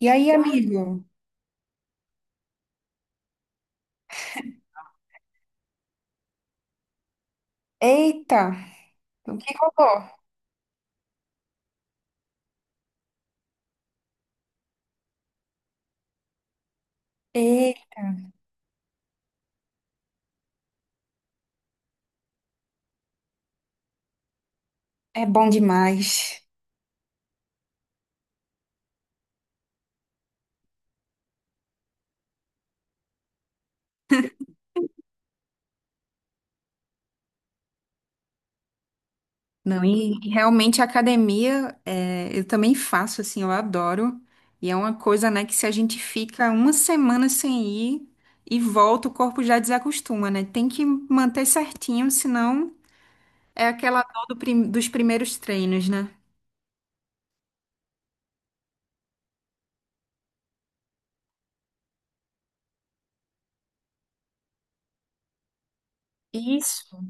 E aí, amigo? Eita, o que rolou? Eita, é bom demais. Não, e realmente a academia, é, eu também faço, assim, eu adoro. E é uma coisa, né, que se a gente fica uma semana sem ir e volta, o corpo já desacostuma, né? Tem que manter certinho, senão é aquela dor do dos primeiros treinos, né? Isso,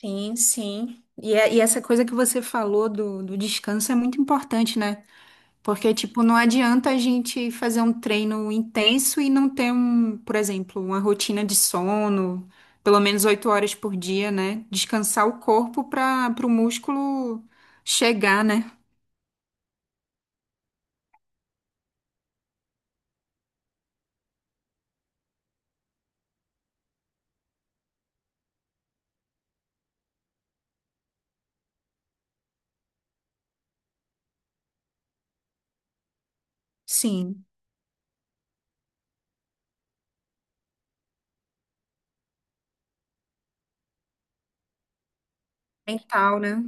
sim, sim. E, e essa coisa que você falou do descanso é muito importante, né? Porque, tipo, não adianta a gente fazer um treino intenso e não ter um, por exemplo, uma rotina de sono, pelo menos 8 horas por dia, né? Descansar o corpo para o músculo chegar, né? Sim, mental, né?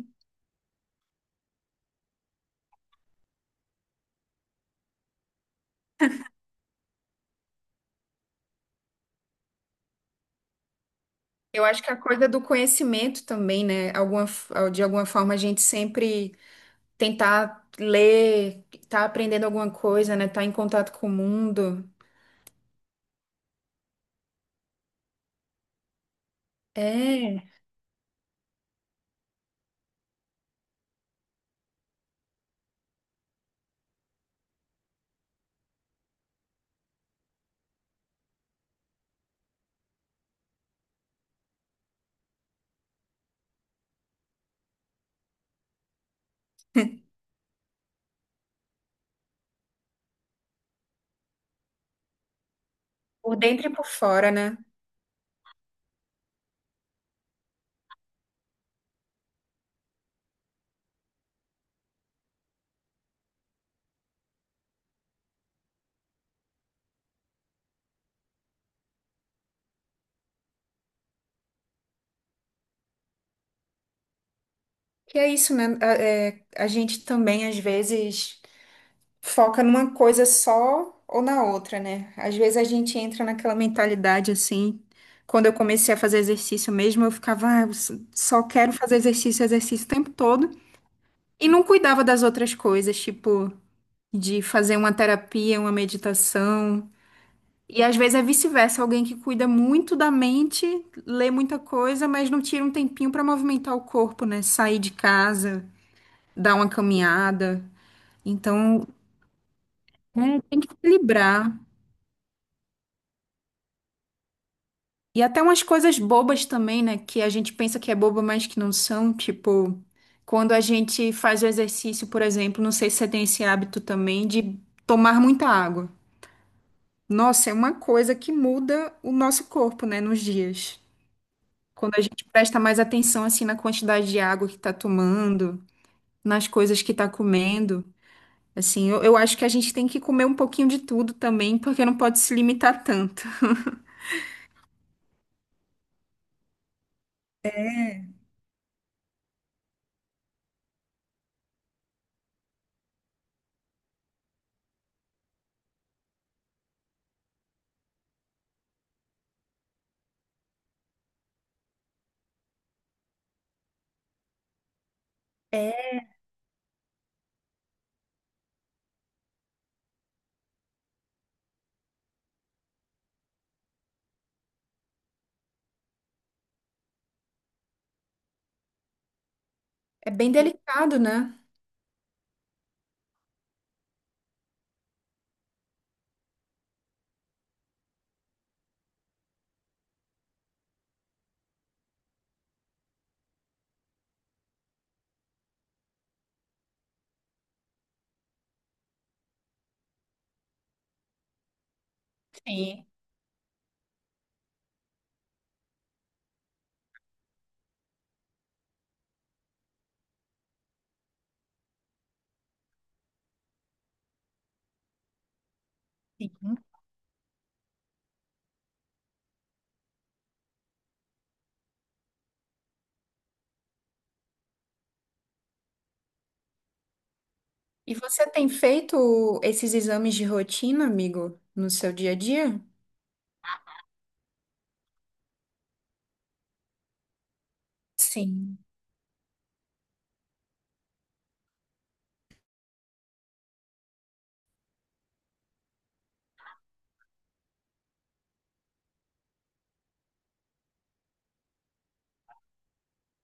Eu acho que a coisa do conhecimento também, né? Alguma, de alguma forma a gente sempre tentar ler, tá aprendendo alguma coisa, né? Tá em contato com o mundo. É, por dentro e por fora, né? Que é isso, né? A, é, a gente também, às vezes, foca numa coisa só ou na outra, né? Às vezes a gente entra naquela mentalidade assim. Quando eu comecei a fazer exercício mesmo, eu ficava, ah, eu só quero fazer exercício, exercício o tempo todo. E não cuidava das outras coisas, tipo, de fazer uma terapia, uma meditação. E às vezes é vice-versa, alguém que cuida muito da mente, lê muita coisa, mas não tira um tempinho para movimentar o corpo, né? Sair de casa dar uma caminhada. Então, é, tem que equilibrar. E até umas coisas bobas também, né? Que a gente pensa que é boba, mas que não são. Tipo, quando a gente faz o exercício, por exemplo, não sei se você tem esse hábito também de tomar muita água. Nossa, é uma coisa que muda o nosso corpo, né? Nos dias. Quando a gente presta mais atenção, assim, na quantidade de água que tá tomando, nas coisas que tá comendo. Assim, eu acho que a gente tem que comer um pouquinho de tudo também, porque não pode se limitar tanto. É bem delicado, né? Sim, sim. E você tem feito esses exames de rotina, amigo, no seu dia a dia? Sim.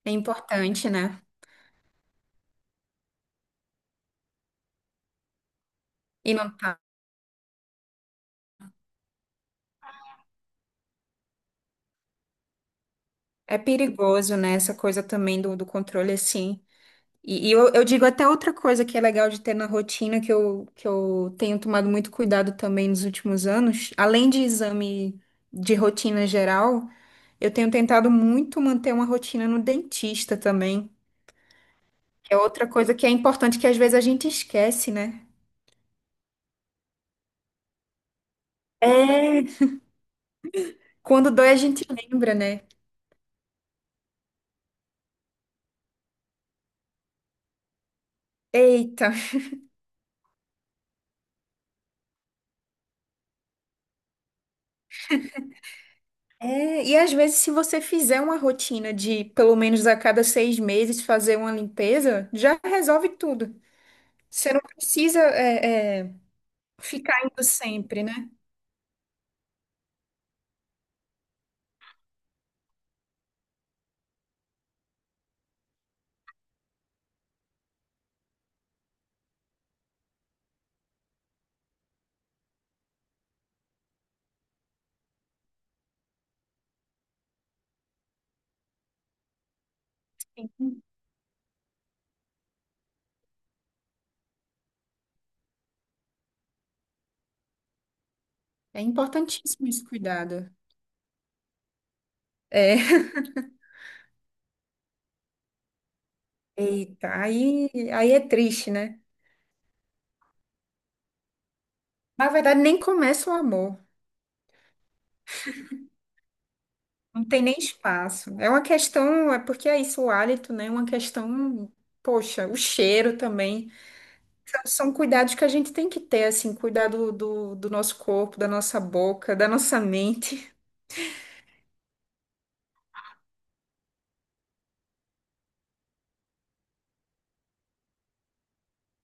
É importante, né? E não tá. É perigoso, né? Essa coisa também do controle, assim. E eu digo até outra coisa que é legal de ter na rotina, que eu tenho tomado muito cuidado também nos últimos anos. Além de exame de rotina geral, eu tenho tentado muito manter uma rotina no dentista também. Que é outra coisa que é importante que às vezes a gente esquece, né? É, quando dói, a gente lembra, né? Eita. É, e às vezes, se você fizer uma rotina de pelo menos a cada 6 meses fazer uma limpeza, já resolve tudo. Você não precisa ficar indo sempre, né? É importantíssimo esse cuidado. É. Eita, aí é triste, né? Na verdade, nem começa o amor. Não tem nem espaço. É uma questão, é porque é isso, o hálito, né? É uma questão, poxa, o cheiro também. Então, são cuidados que a gente tem que ter, assim, cuidado do nosso corpo, da nossa boca, da nossa mente.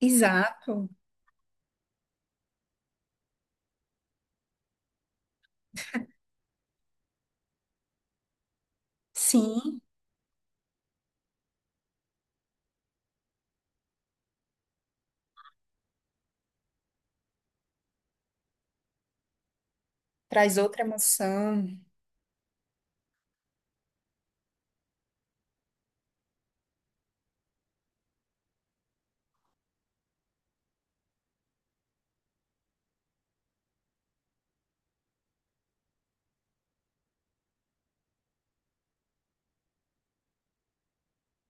Exato. Sim, traz outra emoção.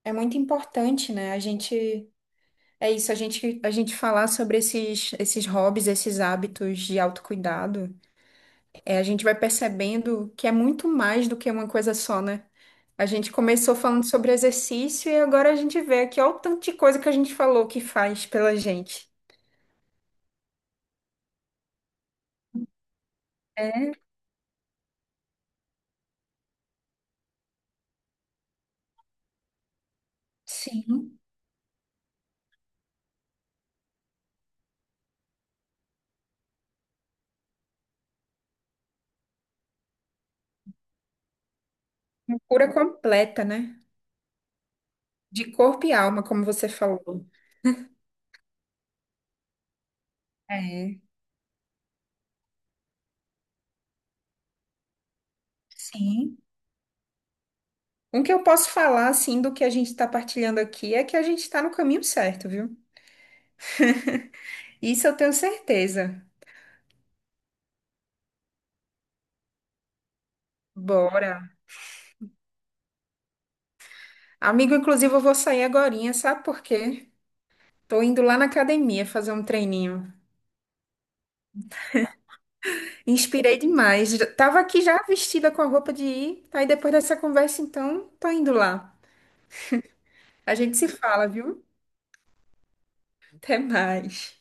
É muito importante, né? A gente, é isso, a gente falar sobre esses hobbies, esses hábitos de autocuidado, é, a gente vai percebendo que é muito mais do que uma coisa só, né? A gente começou falando sobre exercício e agora a gente vê aqui, olha o tanto de coisa que a gente falou que faz pela gente. É, sim, uma cura completa, né? De corpo e alma, como você falou. É, sim. Um que eu posso falar, assim, do que a gente está partilhando aqui é que a gente está no caminho certo, viu? Isso eu tenho certeza. Bora. Amigo, inclusive, eu vou sair agorinha, sabe por quê? Tô indo lá na academia fazer um treininho. Inspirei demais. Já- tava aqui já vestida com a roupa de ir. Aí depois dessa conversa, então, tô indo lá. A gente se fala, viu? Até mais.